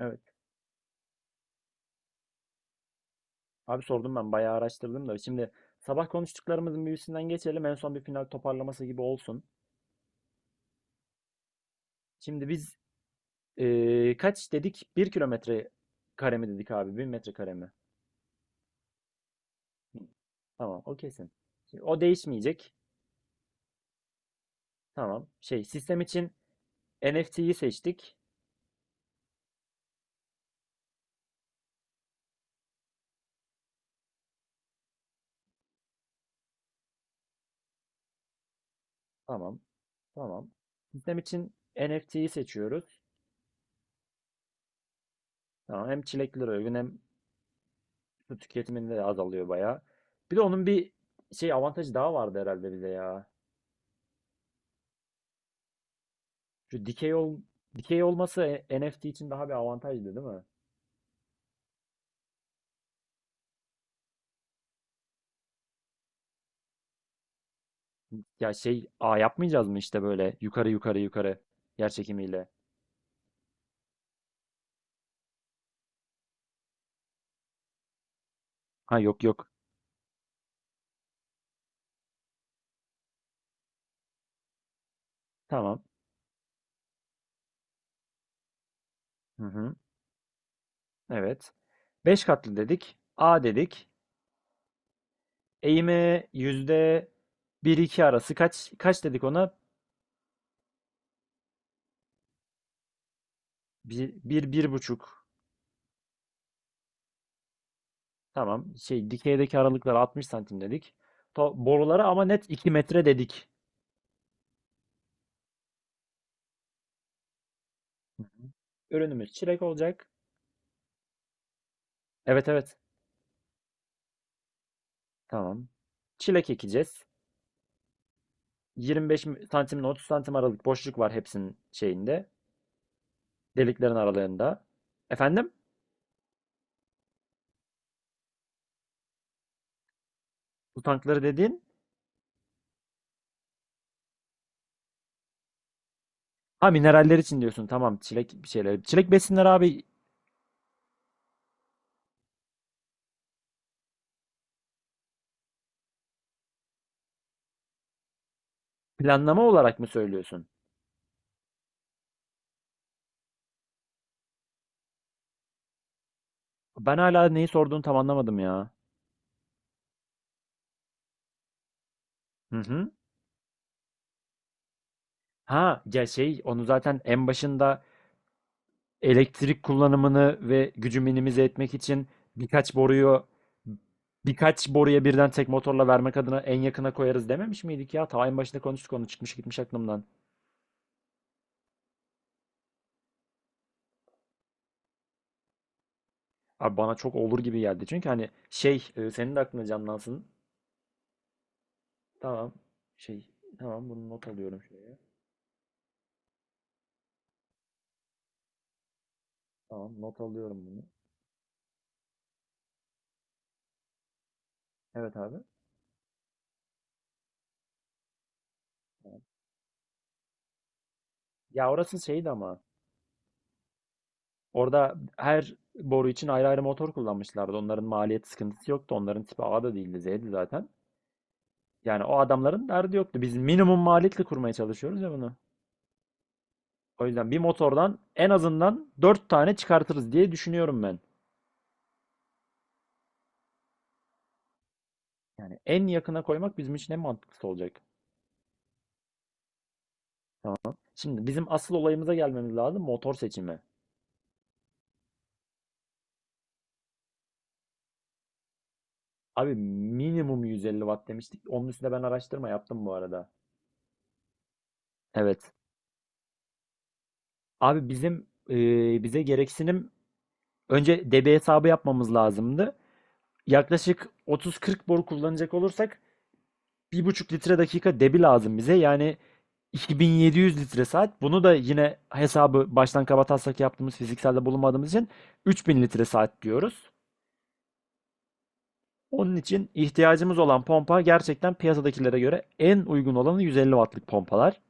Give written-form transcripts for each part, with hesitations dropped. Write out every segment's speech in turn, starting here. Evet. Abi sordum ben bayağı araştırdım da. Şimdi sabah konuştuklarımızın bir üstünden geçelim. En son bir final toparlaması gibi olsun. Şimdi biz kaç dedik? Bir kilometre kare mi dedik abi? 1.000 metre kare mi? Bin. Tamam, o kesin. Şimdi o değişmeyecek. Tamam. Şey, sistem için NFT'yi seçtik. Tamam. Tamam. Sistem için NFT'yi seçiyoruz. Tamam. Hem çileklere uygun hem su tüketiminde de azalıyor bayağı. Bir de onun bir şey avantajı daha vardı herhalde bize ya. Şu dikey olması, NFT için daha bir avantajdı değil mi? Ya şey, a yapmayacağız mı işte, böyle yukarı yukarı yukarı, yer çekimiyle? Ha, yok yok. Tamam. Hı hı. Evet. 5 katlı dedik. A dedik. Eğimi yüzde bir iki arası kaç dedik ona? Bir, bir buçuk. Tamam. Şey, dikeydeki aralıklar 60 santim dedik. To borulara ama net 2 metre dedik. Hı hı. Ürünümüz çilek olacak. Evet, evet. Tamam. Çilek ekeceğiz. 25 santim ile 30 santim aralık boşluk var hepsinin şeyinde. Deliklerin aralarında. Efendim? Bu tankları dediğin? Ha, mineraller için diyorsun. Tamam, çilek bir şeyler. Çilek besinler abi. Planlama olarak mı söylüyorsun? Ben hala neyi sorduğunu tam anlamadım ya. Hı hı. Ha, ya şey, onu zaten en başında elektrik kullanımını ve gücü minimize etmek için birkaç boruyu birkaç boruya birden tek motorla vermek adına en yakına koyarız dememiş miydik ya? Ta en başında konuştuk, onu çıkmış gitmiş aklımdan. Abi, bana çok olur gibi geldi. Çünkü hani şey, senin de aklına canlansın. Tamam. Şey, tamam, bunu not alıyorum şuraya. Tamam, not alıyorum bunu. Evet abi. Tamam. Ya, orası şeydi ama. Orada her boru için ayrı ayrı motor kullanmışlardı. Onların maliyet sıkıntısı yoktu. Onların tipi A da değildi, Z'di zaten. Yani o adamların derdi yoktu. Biz minimum maliyetle kurmaya çalışıyoruz ya bunu. O yüzden bir motordan en azından 4 tane çıkartırız diye düşünüyorum ben. Yani en yakına koymak bizim için en mantıklısı olacak. Şimdi bizim asıl olayımıza gelmemiz lazım, motor seçimi. Abi minimum 150 watt demiştik. Onun üstüne ben araştırma yaptım bu arada. Evet. Abi bize gereksinim, önce debi hesabı yapmamız lazımdı. Yaklaşık 30-40 boru kullanacak olursak 1,5 litre dakika debi lazım bize. Yani 2700 litre saat. Bunu da yine hesabı baştan kabataslak yaptığımız, fizikselde bulunmadığımız için 3000 litre saat diyoruz. Onun için ihtiyacımız olan pompa, gerçekten piyasadakilere göre en uygun olanı, 150 wattlık pompalar.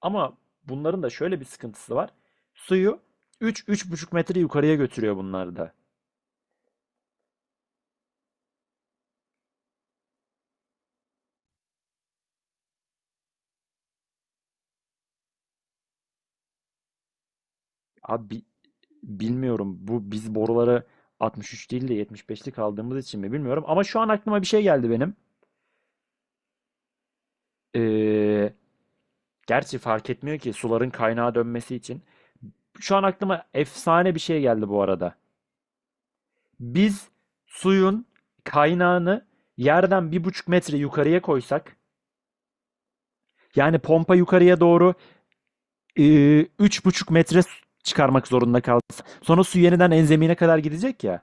Ama bunların da şöyle bir sıkıntısı var. Suyu 3 buçuk metre yukarıya götürüyor bunlar da. Abi bilmiyorum, bu biz boruları 63 değil de 75'lik aldığımız için mi bilmiyorum. Ama şu an aklıma bir şey geldi benim. Ee, Gerçi fark etmiyor ki suların kaynağa dönmesi için. Şu an aklıma efsane bir şey geldi bu arada. Biz suyun kaynağını yerden 1,5 metre yukarıya koysak, yani pompa yukarıya doğru 3,5 metre çıkarmak zorunda kalsın. Sonra su yeniden en zemine kadar gidecek ya.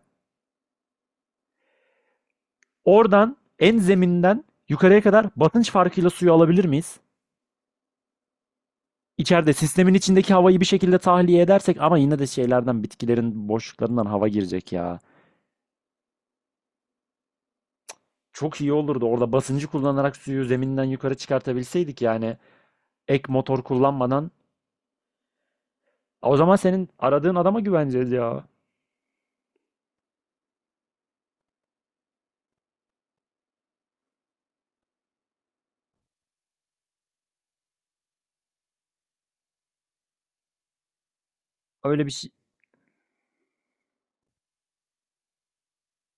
Oradan en zeminden yukarıya kadar basınç farkıyla suyu alabilir miyiz? İçeride sistemin içindeki havayı bir şekilde tahliye edersek, ama yine de şeylerden, bitkilerin boşluklarından hava girecek ya. Çok iyi olurdu orada basıncı kullanarak suyu zeminden yukarı çıkartabilseydik, yani ek motor kullanmadan. O zaman senin aradığın adama güveneceğiz ya. Öyle bir şey.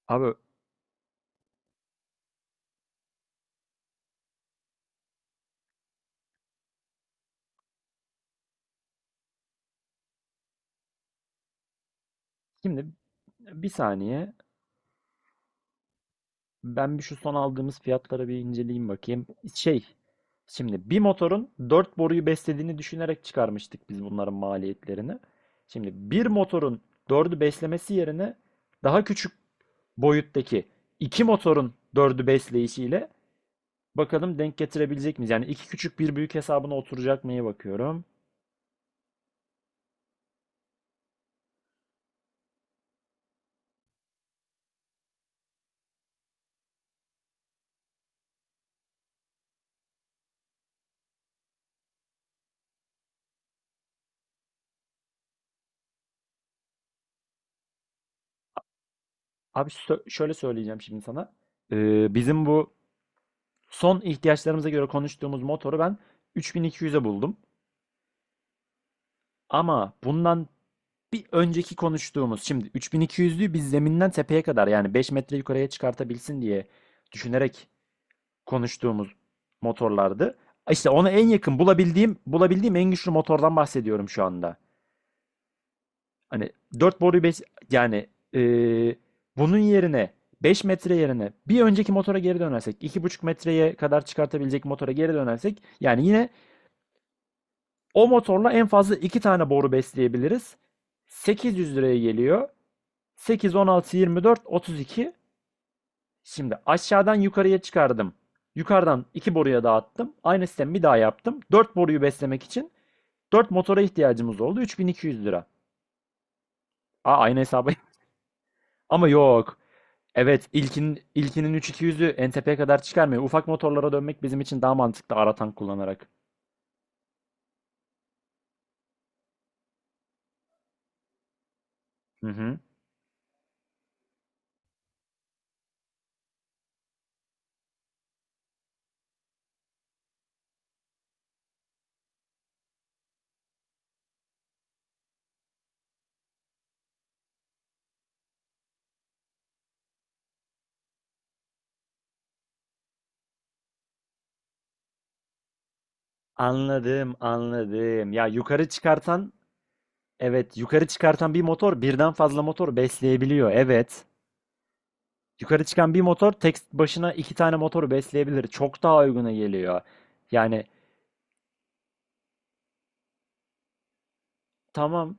Abi şimdi bir saniye. Ben bir şu son aldığımız fiyatlara bir inceleyeyim, bakayım. Şey, şimdi bir motorun 4 boruyu beslediğini düşünerek çıkarmıştık biz bunların maliyetlerini. Şimdi bir motorun dördü beslemesi yerine daha küçük boyuttaki iki motorun dördü besleyişiyle bakalım, denk getirebilecek miyiz? Yani iki küçük bir büyük hesabına oturacak mıya bakıyorum. Abi şöyle söyleyeceğim şimdi sana. Bizim bu son ihtiyaçlarımıza göre konuştuğumuz motoru ben 3200'e buldum. Ama bundan bir önceki konuştuğumuz, şimdi 3200'lüyü biz zeminden tepeye kadar, yani 5 metre yukarıya çıkartabilsin diye düşünerek konuştuğumuz motorlardı. İşte ona en yakın bulabildiğim en güçlü motordan bahsediyorum şu anda. Hani 4 boruyu 5, yani eee, bunun yerine 5 metre yerine bir önceki motora geri dönersek, 2,5 metreye kadar çıkartabilecek motora geri dönersek, yani yine o motorla en fazla 2 tane boru besleyebiliriz. 800 liraya geliyor. 8, 16, 24, 32. Şimdi aşağıdan yukarıya çıkardım. Yukarıdan 2 boruya dağıttım. Aynı sistemi bir daha yaptım. 4 boruyu beslemek için 4 motora ihtiyacımız oldu. 3200 lira. Aa, aynı hesabı. Ama yok. Evet, ilkinin 3200'ü NTP'ye kadar çıkarmıyor. Ufak motorlara dönmek bizim için daha mantıklı, ara tank kullanarak. Hı hı. Anladım, anladım. Ya yukarı çıkartan Evet, yukarı çıkartan bir motor birden fazla motor besleyebiliyor. Evet. Yukarı çıkan bir motor tek başına iki tane motoru besleyebilir. Çok daha uyguna geliyor. Yani tamam.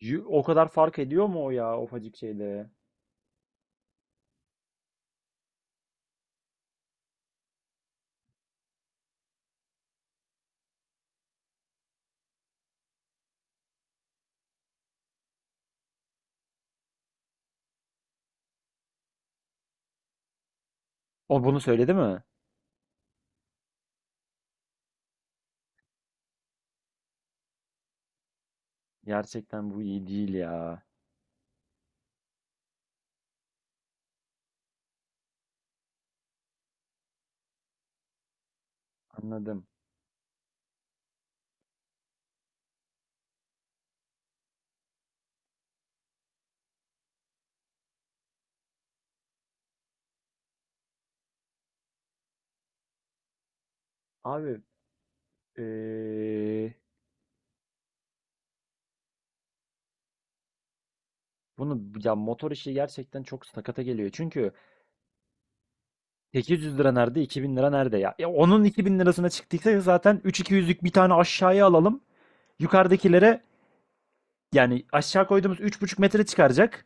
O kadar fark ediyor mu o ya, ufacık şeyde? O bunu söyledi mi? Gerçekten bu iyi değil ya. Anladım. Abi eee, bunu, ya motor işi gerçekten çok sakata geliyor. Çünkü 800 lira nerede, 2000 lira nerede ya? Ya onun 2000 lirasına çıktıysa, zaten 3200'lük bir tane aşağıya alalım. Yukarıdakilere. Yani aşağı koyduğumuz 3,5 metre çıkaracak.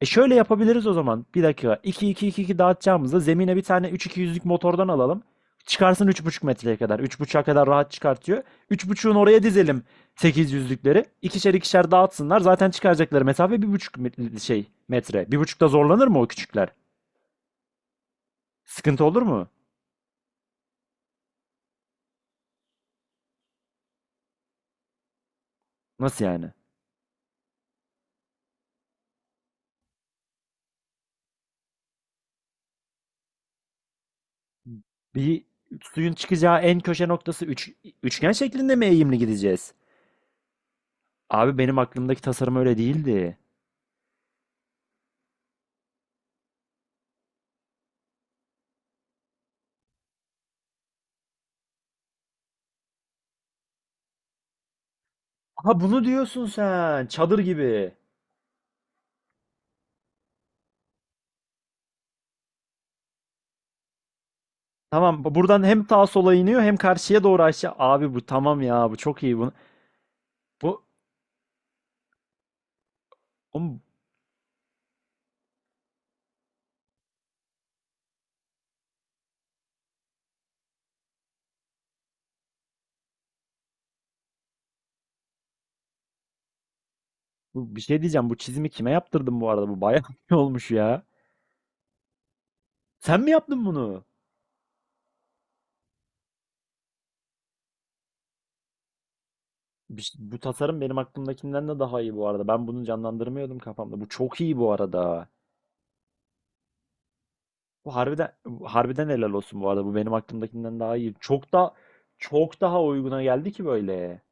E, şöyle yapabiliriz o zaman. Bir dakika. İki iki iki iki dağıtacağımızda zemine bir tane, üç, iki 200lük motordan alalım. Çıkarsın 3,5 metreye kadar. 3,5'a kadar rahat çıkartıyor. 3,5'un oraya dizelim 800'lükleri. İkişer ikişer dağıtsınlar. Zaten çıkaracakları mesafe bir buçuk şey metre. 1,5'ta zorlanır mı o küçükler? Sıkıntı olur mu? Nasıl yani? Bir, suyun çıkacağı en köşe noktası, üçgen şeklinde mi eğimli gideceğiz? Abi benim aklımdaki tasarım öyle değildi. Ha, bunu diyorsun sen. Çadır gibi. Tamam, buradan hem sağa sola iniyor, hem karşıya doğru aşağı. Abi bu tamam ya, bu çok iyi. Bu, oğlum, bu bir şey diyeceğim. Bu çizimi kime yaptırdın bu arada? Bu bayağı iyi olmuş ya. Sen mi yaptın bunu? Bu tasarım benim aklımdakinden de daha iyi bu arada. Ben bunu canlandırmıyordum kafamda. Bu çok iyi bu arada. Bu harbiden helal olsun bu arada. Bu benim aklımdakinden daha iyi. Çok daha uyguna geldi ki böyle.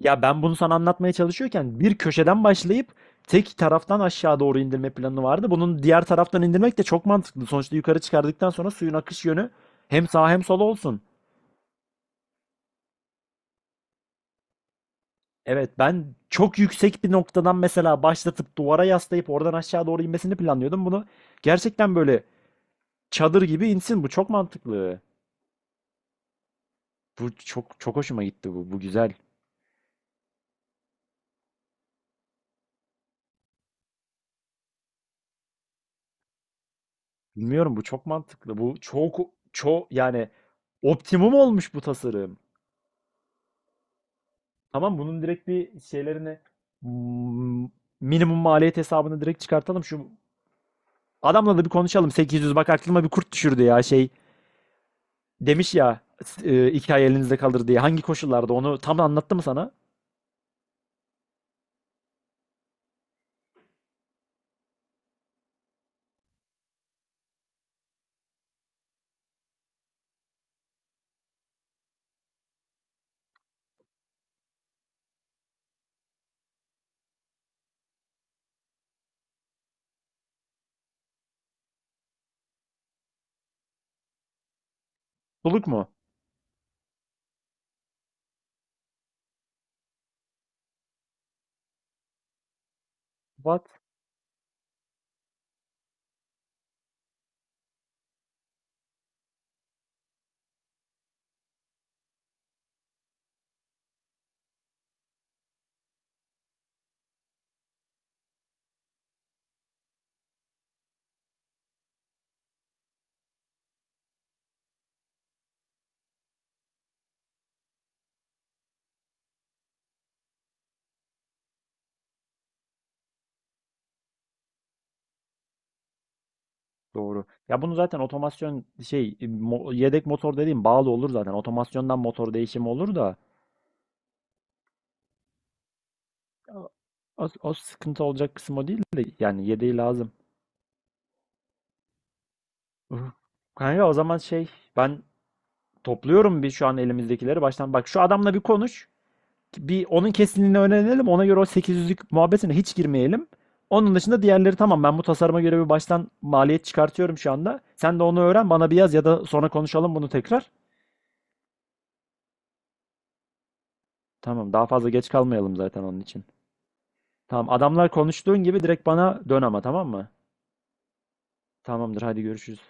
Ya ben bunu sana anlatmaya çalışıyorken bir köşeden başlayıp tek taraftan aşağı doğru indirme planı vardı. Bunun diğer taraftan indirmek de çok mantıklı. Sonuçta yukarı çıkardıktan sonra suyun akış yönü hem sağa hem sola olsun. Evet, ben çok yüksek bir noktadan mesela başlatıp duvara yaslayıp oradan aşağı doğru inmesini planlıyordum. Bunu gerçekten böyle çadır gibi insin. Bu çok mantıklı. Bu çok çok hoşuma gitti bu. Bu güzel. Bilmiyorum, bu çok mantıklı. Bu çok çok, yani optimum olmuş bu tasarım. Tamam, bunun direkt bir şeylerini, mm, minimum maliyet hesabını direkt çıkartalım. Şu adamla da bir konuşalım. 800, bak aklıma bir kurt düşürdü ya, şey demiş ya, 2 ay elinizde kalır diye. Hangi koşullarda, onu tam anlattı mı sana? Buluk mu? What? Doğru. Ya bunu zaten otomasyon şey, yedek motor dediğim, bağlı olur zaten. Otomasyondan motor değişimi olur da, o sıkıntı olacak kısım o değil de, yani yedeği lazım. Uf. Kanka, o zaman şey, ben topluyorum bir şu an elimizdekileri baştan. Bak, şu adamla bir konuş. Bir onun kesinliğini öğrenelim. Ona göre, o 800'lük muhabbetine hiç girmeyelim. Onun dışında diğerleri tamam. Ben bu tasarıma göre bir baştan maliyet çıkartıyorum şu anda. Sen de onu öğren, bana bir yaz ya da sonra konuşalım bunu tekrar. Tamam, daha fazla geç kalmayalım zaten onun için. Tamam, adamlar konuştuğun gibi direkt bana dön ama, tamam mı? Tamamdır, hadi görüşürüz.